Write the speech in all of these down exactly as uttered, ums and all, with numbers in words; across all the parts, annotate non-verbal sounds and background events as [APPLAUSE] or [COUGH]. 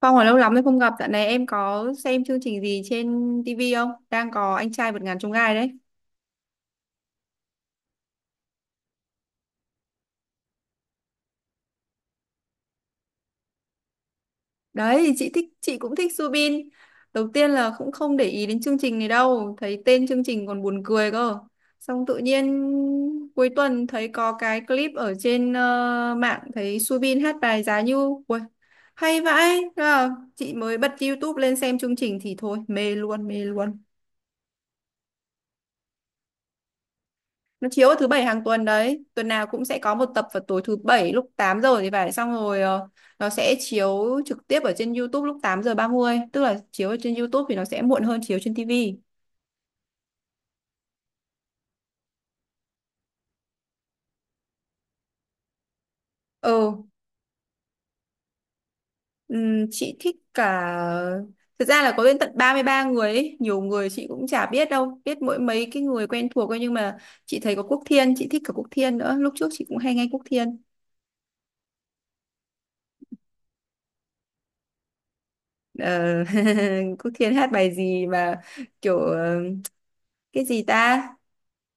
Phong ở lâu lắm rồi không gặp, dạo này em có xem chương trình gì trên ti vi không? Đang có anh trai vượt ngàn chông gai đấy. Đấy, thì chị thích, chị cũng thích Subin. Đầu tiên là cũng không để ý đến chương trình này đâu, thấy tên chương trình còn buồn cười cơ. Xong tự nhiên cuối tuần thấy có cái clip ở trên ờ, mạng, thấy Subin hát bài Giá Như. Ui, hay vãi. Thế là chị mới bật YouTube lên xem chương trình thì thôi, mê luôn, mê luôn. Nó chiếu vào thứ bảy hàng tuần đấy, tuần nào cũng sẽ có một tập vào tối thứ bảy lúc tám giờ thì phải. Xong rồi ờ, nó sẽ chiếu trực tiếp ở trên YouTube lúc tám giờ ba mươi, tức là chiếu ở trên YouTube thì nó sẽ muộn hơn chiếu trên ti vi. Ừ. Ừm, chị thích cả. Thực ra là có đến tận ba mươi ba người ấy. Nhiều người chị cũng chả biết đâu, biết mỗi mấy cái người quen thuộc thôi, nhưng mà chị thấy có Quốc Thiên, chị thích cả Quốc Thiên nữa, lúc trước chị cũng hay nghe Quốc Thiên. ờ, [LAUGHS] Quốc Thiên hát bài gì mà kiểu ờ, cái gì ta,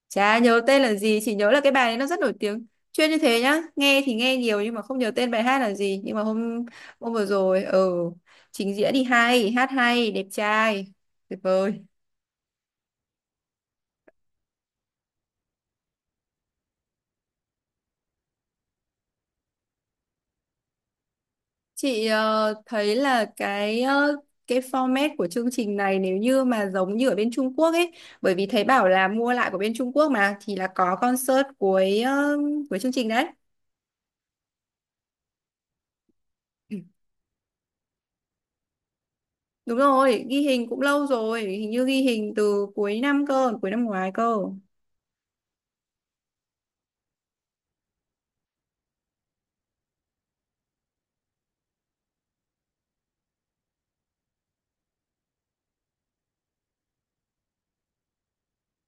chả nhớ tên là gì, chỉ nhớ là cái bài đấy nó rất nổi tiếng. Chuyên như thế nhá, nghe thì nghe nhiều nhưng mà không nhớ tên bài hát là gì. Nhưng mà hôm hôm vừa rồi ờ trình diễn thì hay, hát hay, đẹp trai, tuyệt vời. Chị ờ, thấy là cái ờ, cái format của chương trình này nếu như mà giống như ở bên Trung Quốc ấy, bởi vì thấy bảo là mua lại của bên Trung Quốc mà, thì là có concert cuối ờ, cuối chương trình đấy. [CLEARS THROAT] Đúng rồi, ghi hình cũng lâu rồi, hình như ghi hình từ cuối năm cơ, cuối năm ngoái cơ.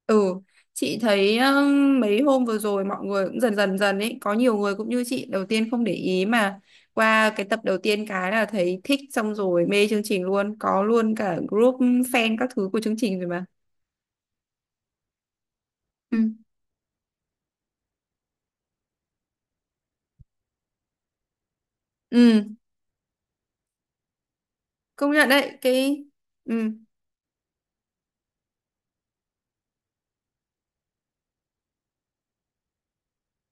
Ừ, chị thấy um, mấy hôm vừa rồi mọi người cũng dần dần dần ấy, có nhiều người cũng như chị, đầu tiên không để ý, mà qua cái tập đầu tiên cái là thấy thích, xong rồi mê chương trình luôn, có luôn cả group fan các thứ của chương trình rồi mà. Ừ, ừ, công nhận đấy, cái. Ừ.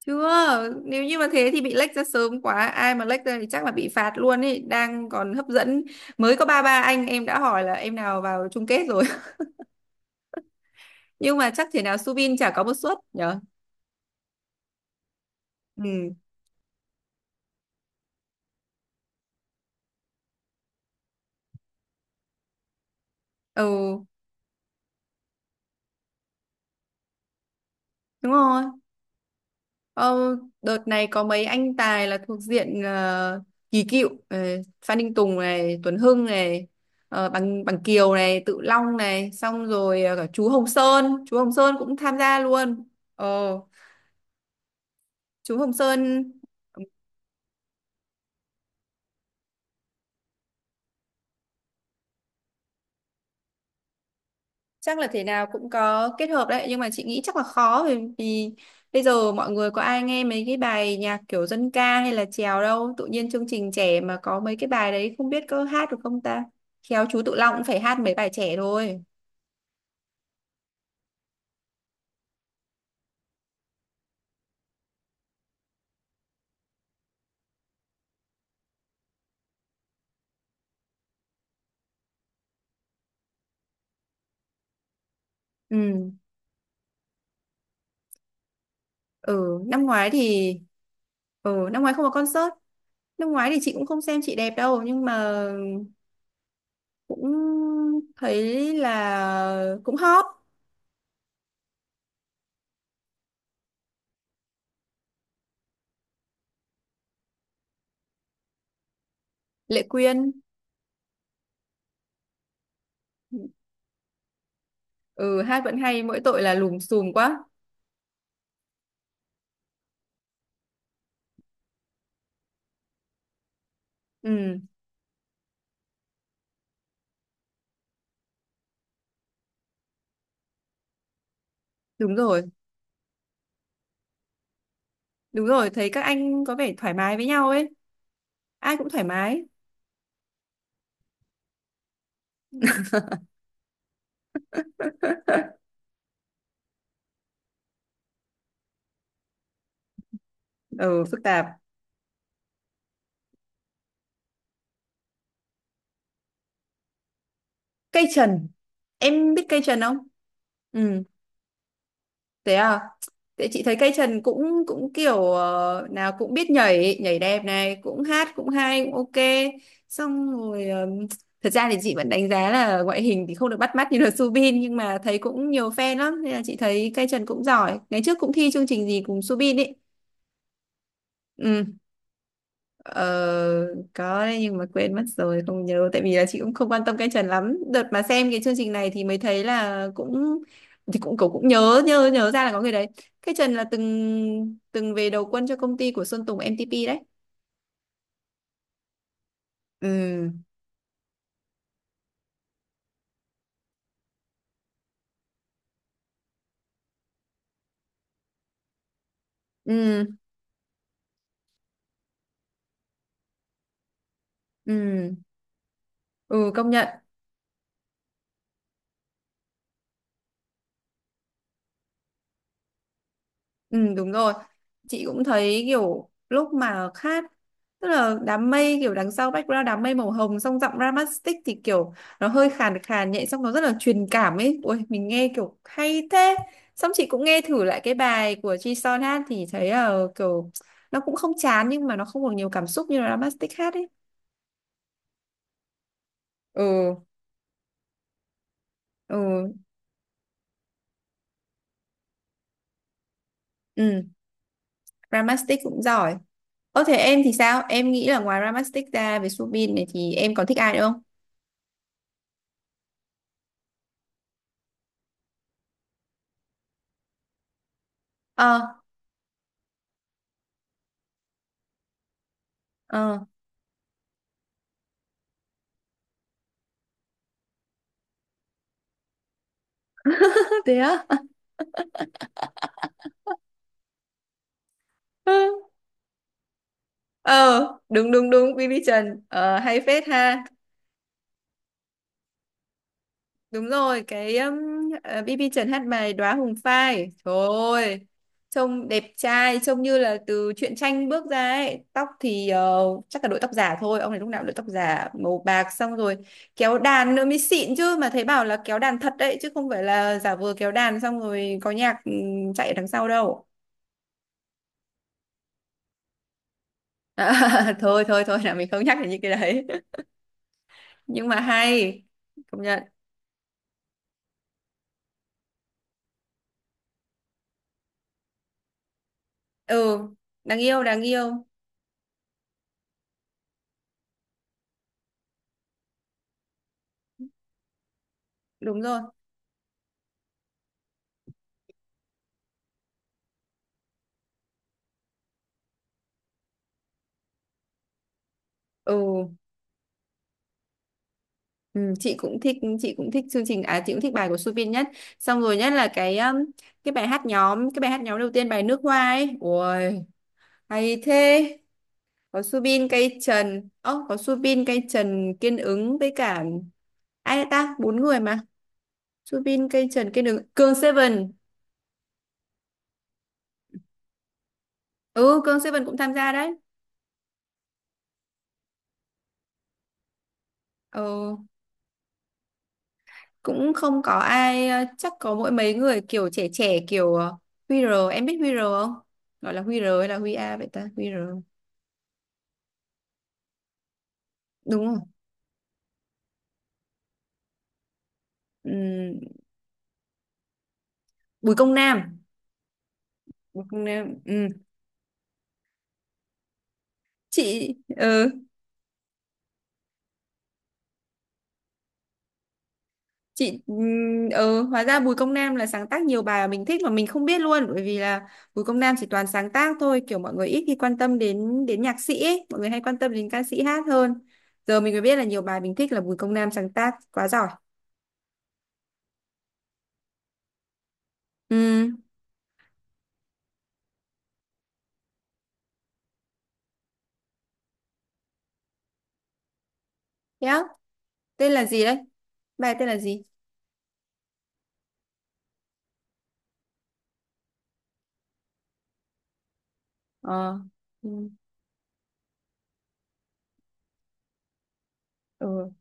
Chưa, nếu như mà thế thì bị lệch ra sớm quá, ai mà lệch ra thì chắc là bị phạt luôn ấy, đang còn hấp dẫn. Mới có ba ba anh em đã hỏi là em nào vào chung kết rồi. [LAUGHS] Nhưng mà chắc thể nào Subin chả có một suất nhở. Ừ. Ừ, đúng rồi. Ờ, Đợt này có mấy anh tài là thuộc diện ờ, kỳ cựu, ờ, Phan Đình Tùng này, Tuấn Hưng này, ờ, Bằng Bằng Kiều này, Tự Long này, xong rồi ờ, cả chú Hồng Sơn, chú Hồng Sơn cũng tham gia luôn. Ờ, chú Hồng Sơn chắc là thể nào cũng có kết hợp đấy, nhưng mà chị nghĩ chắc là khó, vì, vì bây giờ mọi người có ai nghe mấy cái bài nhạc kiểu dân ca hay là chèo đâu, tự nhiên chương trình trẻ mà có mấy cái bài đấy không biết có hát được không ta. Khéo chú Tự Long cũng phải hát mấy bài trẻ thôi. Ừ. Ừ, năm ngoái thì, ừ, năm ngoái không có concert. Năm ngoái thì chị cũng không xem chị đẹp đâu, nhưng mà cũng thấy là cũng hot. Lệ Quyên. Ừ, hát vẫn hay, mỗi tội là lùm xùm quá. Ừ. Đúng rồi, đúng rồi, thấy các anh có vẻ thoải mái với nhau ấy, ai cũng thoải mái. Ừ, phức tạp. Cây trần, em biết cây trần không? Ừ, thế à? Thế chị thấy cây trần cũng cũng kiểu ờ, nào cũng biết nhảy, nhảy đẹp này, cũng hát cũng hay, cũng ok. Xong rồi ờ, thật ra thì chị vẫn đánh giá là ngoại hình thì không được bắt mắt như là [LAUGHS] Subin, nhưng mà thấy cũng nhiều fan lắm nên là chị thấy cây trần cũng giỏi. Ngày trước cũng thi chương trình gì cùng Subin ấy. Ừ. Ờ, có đấy, nhưng mà quên mất rồi không nhớ, tại vì là chị cũng không quan tâm cái trend lắm, đợt mà xem cái chương trình này thì mới thấy là cũng, thì cũng cậu cũng nhớ nhớ nhớ ra là có người đấy. Cái Trần là từng từng về đầu quân cho công ty của Sơn Tùng em tê pê đấy. Ừ, ừ, ừ, ừ, công nhận. Ừ, đúng rồi. Chị cũng thấy kiểu lúc mà hát, tức là đám mây kiểu đằng sau, background đám mây màu hồng, xong giọng Ramastic thì kiểu nó hơi khàn khàn nhẹ, xong nó rất là truyền cảm ấy. Ôi mình nghe kiểu hay thế. Xong chị cũng nghe thử lại cái bài của Jisoo hát thì thấy là kiểu nó cũng không chán, nhưng mà nó không còn nhiều cảm xúc như là Ramastic hát ấy. Ừ, ừ, ừ, Ramastic cũng giỏi. Ơ thế em thì sao? Em nghĩ là ngoài Ramastic ra với Subin này thì em còn thích ai nữa không? Ờ, ờ, thế á. [LAUGHS] Ờ, đúng đúng đúng, bi bi Trần ờ, hay phết ha. Đúng rồi, cái um, ờ, bi bi Trần hát bài Đóa Hồng Phai. Trời ơi, trông đẹp trai, trông như là từ truyện tranh bước ra ấy. Tóc thì ờ, chắc là đội tóc giả thôi, ông này lúc nào cũng đội tóc giả màu bạc, xong rồi kéo đàn nữa mới xịn chứ, mà thấy bảo là kéo đàn thật đấy chứ không phải là giả vờ kéo đàn xong rồi có nhạc ừm, chạy ở đằng sau đâu. [LAUGHS] À, thôi thôi thôi, là mình không nhắc đến những cái đấy. [LAUGHS] Nhưng mà hay, công nhận. Ừ, đáng yêu đáng yêu. Đúng rồi. Ừ, ừ, chị cũng thích chị cũng thích chương trình, à, chị cũng thích bài của Suvin nhất. Xong rồi nhất là cái um, cái bài hát nhóm cái bài hát nhóm đầu tiên, bài nước hoa ấy. Ui, hay thế. Có Subin cây trần ơ có Subin, cây trần, kiên ứng với cả ai đấy ta, bốn người mà. Subin, cây trần, kiên ứng, Cường Seven. Ừ, Cường Seven cũng tham gia đấy. Ừ, cũng không có ai ờ, chắc có mỗi mấy người kiểu trẻ trẻ kiểu ờ, Huy R, em biết Huy R không? Gọi là Huy R hay là Huy A vậy ta? Huy R đúng không? Ừm, Bùi Công Nam Bùi Công Nam ừm, chị ờ chị ừm, ờ Hóa ra Bùi Công Nam là sáng tác nhiều bài mà mình thích mà mình không biết luôn, bởi vì là Bùi Công Nam chỉ toàn sáng tác thôi, kiểu mọi người ít khi quan tâm đến đến nhạc sĩ ấy. Mọi người hay quan tâm đến ca sĩ hát hơn. Giờ mình mới biết là nhiều bài mình thích là Bùi Công Nam sáng tác, quá giỏi. Ừ, thế á, tên là gì đấy? Bài tên là gì? Ờ. Ừ. Ừ.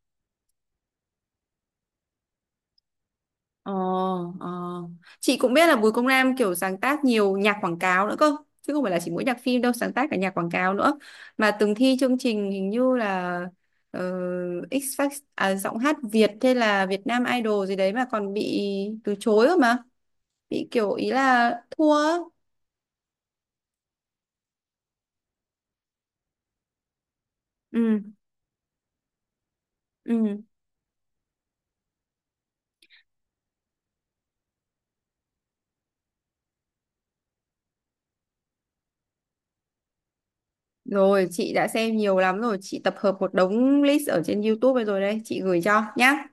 Ờ. Ờ. Chị cũng biết là Bùi Công Nam kiểu sáng tác nhiều nhạc quảng cáo nữa cơ. Chứ không phải là chỉ mỗi nhạc phim đâu, sáng tác cả nhạc quảng cáo nữa. Mà từng thi chương trình hình như là ờ, X Factor, à, giọng hát Việt hay là Việt Nam Idol gì đấy mà còn bị từ chối cơ mà. Bị kiểu ý là thua. Á. Ừ. Ừ. Rồi, chị đã xem nhiều lắm rồi. Chị tập hợp một đống list ở trên YouTube rồi đấy. Chị gửi cho nhá.